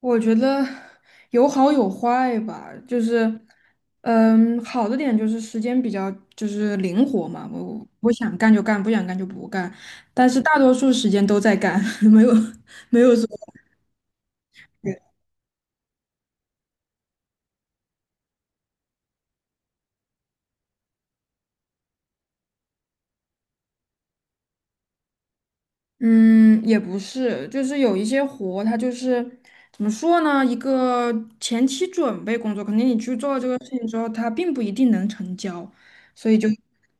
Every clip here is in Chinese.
我觉得有好有坏吧，就是，好的点就是时间比较就是灵活嘛，我想干就干，不想干就不干，但是大多数时间都在干，没有没有说。嗯，也不是，就是有一些活，它就是怎么说呢？一个前期准备工作，肯定你去做这个事情之后，它并不一定能成交，所以就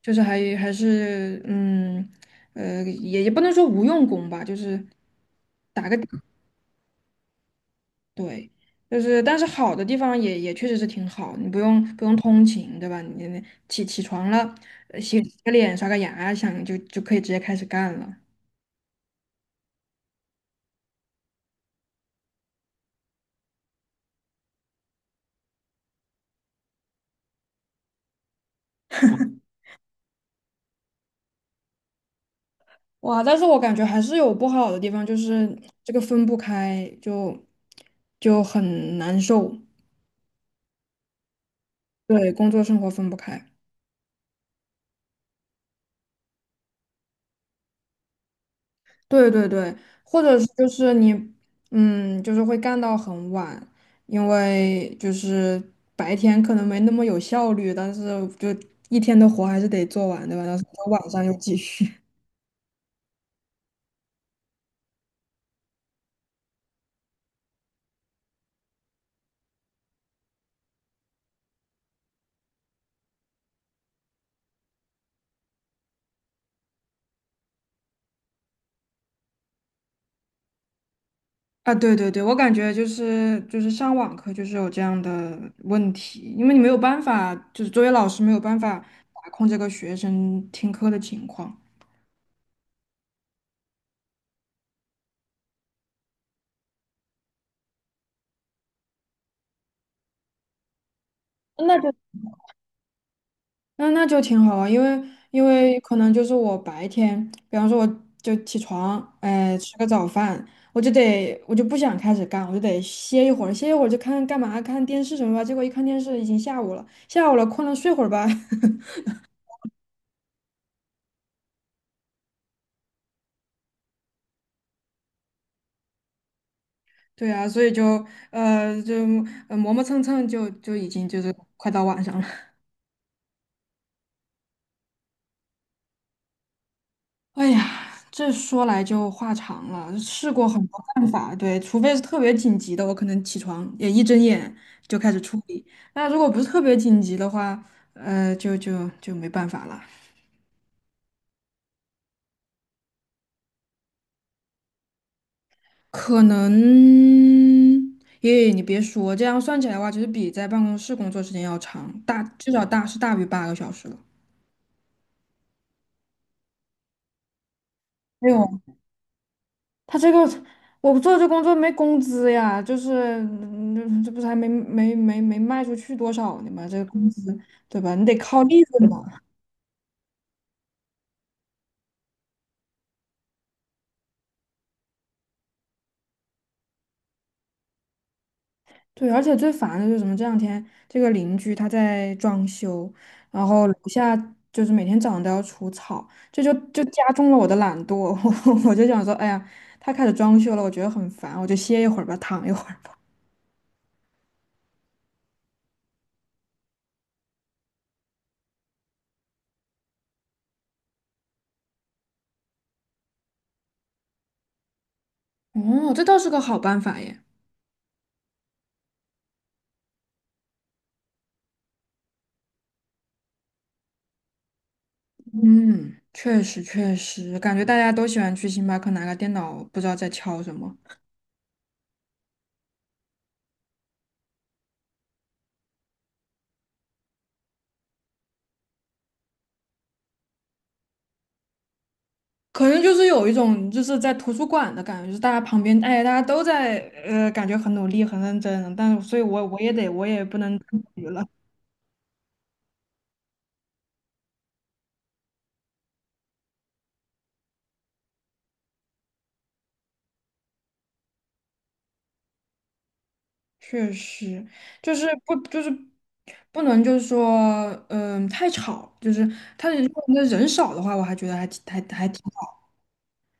就是还是也不能说无用功吧，就是对，就是但是好的地方也确实是挺好，你不用通勤，对吧？你起床了，洗个脸、刷个牙，想就可以直接开始干了。哇，但是我感觉还是有不好的地方，就是这个分不开，就很难受。对，工作生活分不开。对对对，或者是就是你，就是会干到很晚，因为就是白天可能没那么有效率，但是就一天的活还是得做完，对吧？然后到晚上又继续。啊，对对对，我感觉就是上网课就是有这样的问题，因为你没有办法，就是作为老师没有办法把控这个学生听课的情况。那就那就挺好啊，因为可能就是我白天，比方说我就起床，哎，吃个早饭，我就不想开始干，我就得歇一会儿，歇一会儿就看干嘛，看电视什么吧。结果一看电视已经下午了，下午了困了睡会儿吧。对啊，所以就磨磨蹭蹭就已经就是快到晚上了。哎呀，这说来就话长了，试过很多办法，对，除非是特别紧急的，我可能起床也一睁眼就开始处理。那如果不是特别紧急的话，就没办法了。可能，耶，你别说，这样算起来的话，其实比在办公室工作时间要长，至少大于八个小时了。没有。他这个我做这工作没工资呀，就是这不是还没卖出去多少呢嘛，这个工资对吧？你得靠利润嘛。对，而且最烦的就是什么？这两天这个邻居他在装修，然后楼下就是每天早上都要除草，这就加重了我的懒惰。我就想说，哎呀，他开始装修了，我觉得很烦，我就歇一会儿吧，躺一会儿吧。哦，这倒是个好办法耶。嗯，确实确实，感觉大家都喜欢去星巴克拿个电脑，不知道在敲什么。可能就是有一种就是在图书馆的感觉，就是大家旁边，哎，大家都在，感觉很努力、很认真，但是，所以我也不能自娱了。确实，就是不能就是说，太吵，就是他如果那人少的话，我还觉得还挺好。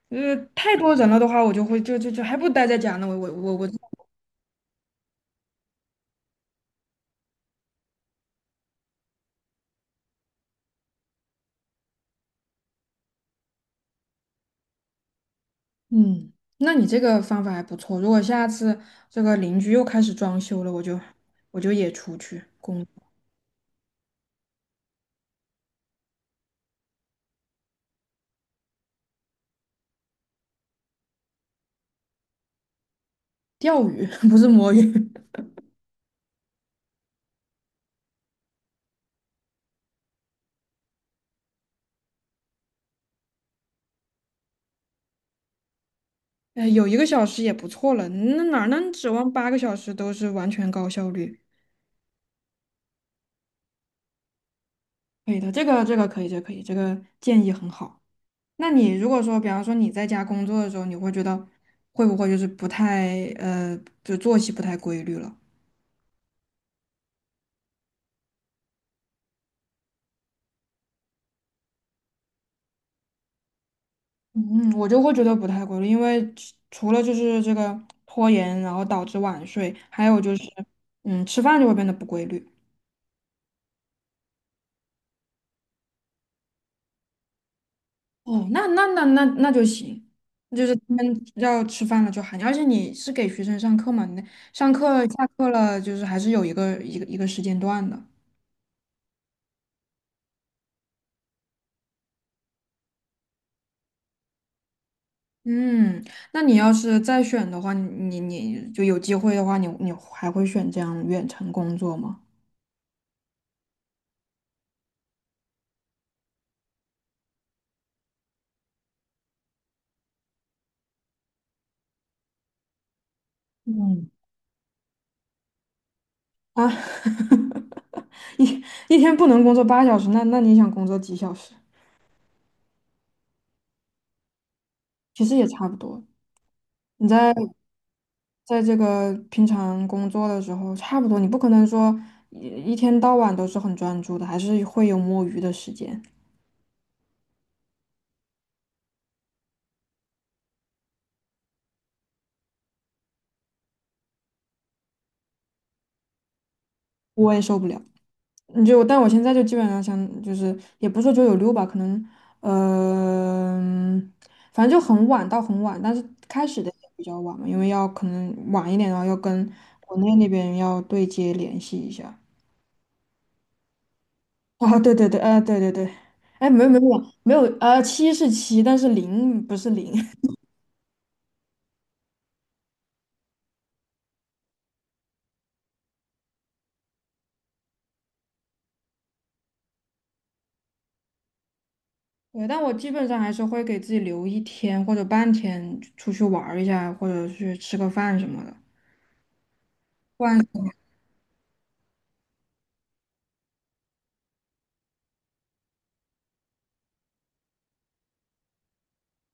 太多人了的话，我就会就就就还不如待在家呢。我我我我嗯，那你这个方法还不错。如果下次这个邻居又开始装修了，我就也出去钓鱼，不是摸鱼。哎，有1个小时也不错了，那哪能指望八个小时都是完全高效率？可以的，这个可以，这个可以，这个建议很好。那你如果说，比方说你在家工作的时候，你会觉得会不会就是不太就作息不太规律了？嗯，我就会觉得不太规律，因为除了就是这个拖延，然后导致晚睡，还有就是，吃饭就会变得不规律。哦，那就行，就是他们要吃饭了就喊你，而且你是给学生上课嘛，你上课下课了，就是还是有一个时间段的。嗯，那你要是再选的话，你就有机会的话，你还会选这样远程工作吗？嗯。啊，一一天不能工作8小时，那你想工作几小时？其实也差不多。你在这个平常工作的时候，差不多，你不可能说一天到晚都是很专注的，还是会有摸鱼的时间，我也受不了。你就，但我现在就基本上想，就是也不是说996吧，可能，嗯，反正就很晚到很晚，但是开始的也比较晚嘛，因为要可能晚一点，然后要跟国内那边要对接联系一下。啊，对对对，啊，对对对，哎，没有没有没有，七是七，但是零不是零。对，但我基本上还是会给自己留一天或者半天出去玩儿一下，或者去吃个饭什么的。不然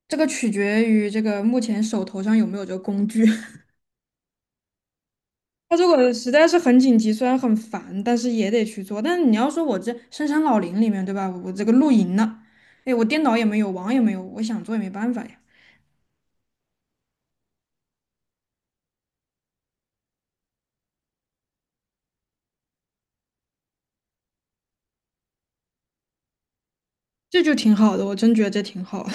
这个取决于这个目前手头上有没有这个工具。他如果实在是很紧急，虽然很烦，但是也得去做。但是你要说我这深山老林里面，对吧？我这个露营呢，哎，我电脑也没有，网也没有，我想做也没办法呀。这就挺好的，我真觉得这挺好。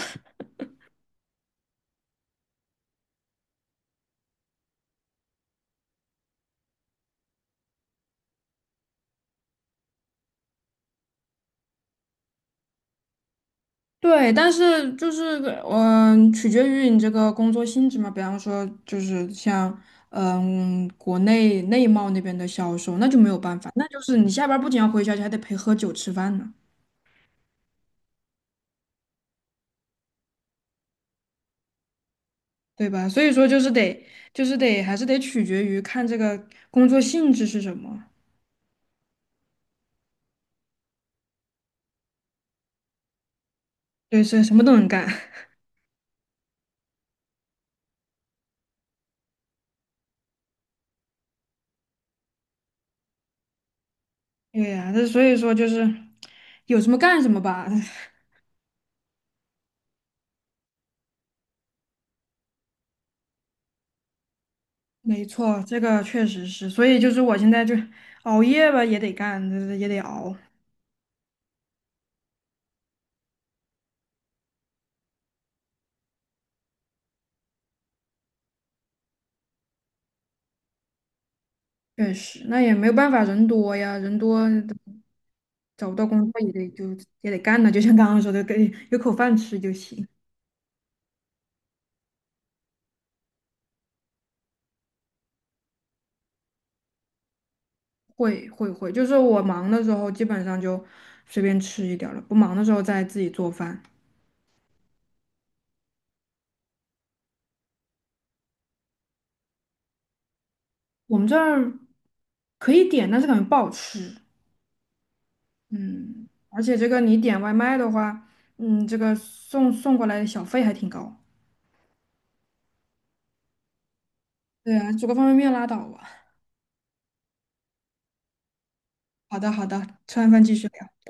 对，但是就是取决于你这个工作性质嘛。比方说，就是像国内内贸那边的销售，那就没有办法，那就是你下班儿不仅要回消息，还得陪喝酒吃饭呢，对吧？所以说，就是得，就是得，还是得取决于看这个工作性质是什么。对，是什么都能干。对呀，那所以说就是有什么干什么吧。没错，这个确实是，所以就是我现在就熬夜吧，也得干，也得熬。确实，那也没有办法，人多呀，人多找不到工作也得干呢，就像刚刚说的，给有口饭吃就行。会会会，就是我忙的时候基本上就随便吃一点儿了，不忙的时候再自己做饭。我们这儿可以点，但是感觉不好吃。嗯，而且这个你点外卖的话，这个送过来的小费还挺高。对啊，煮个方便面拉倒吧。好的好的，吃完饭继续聊。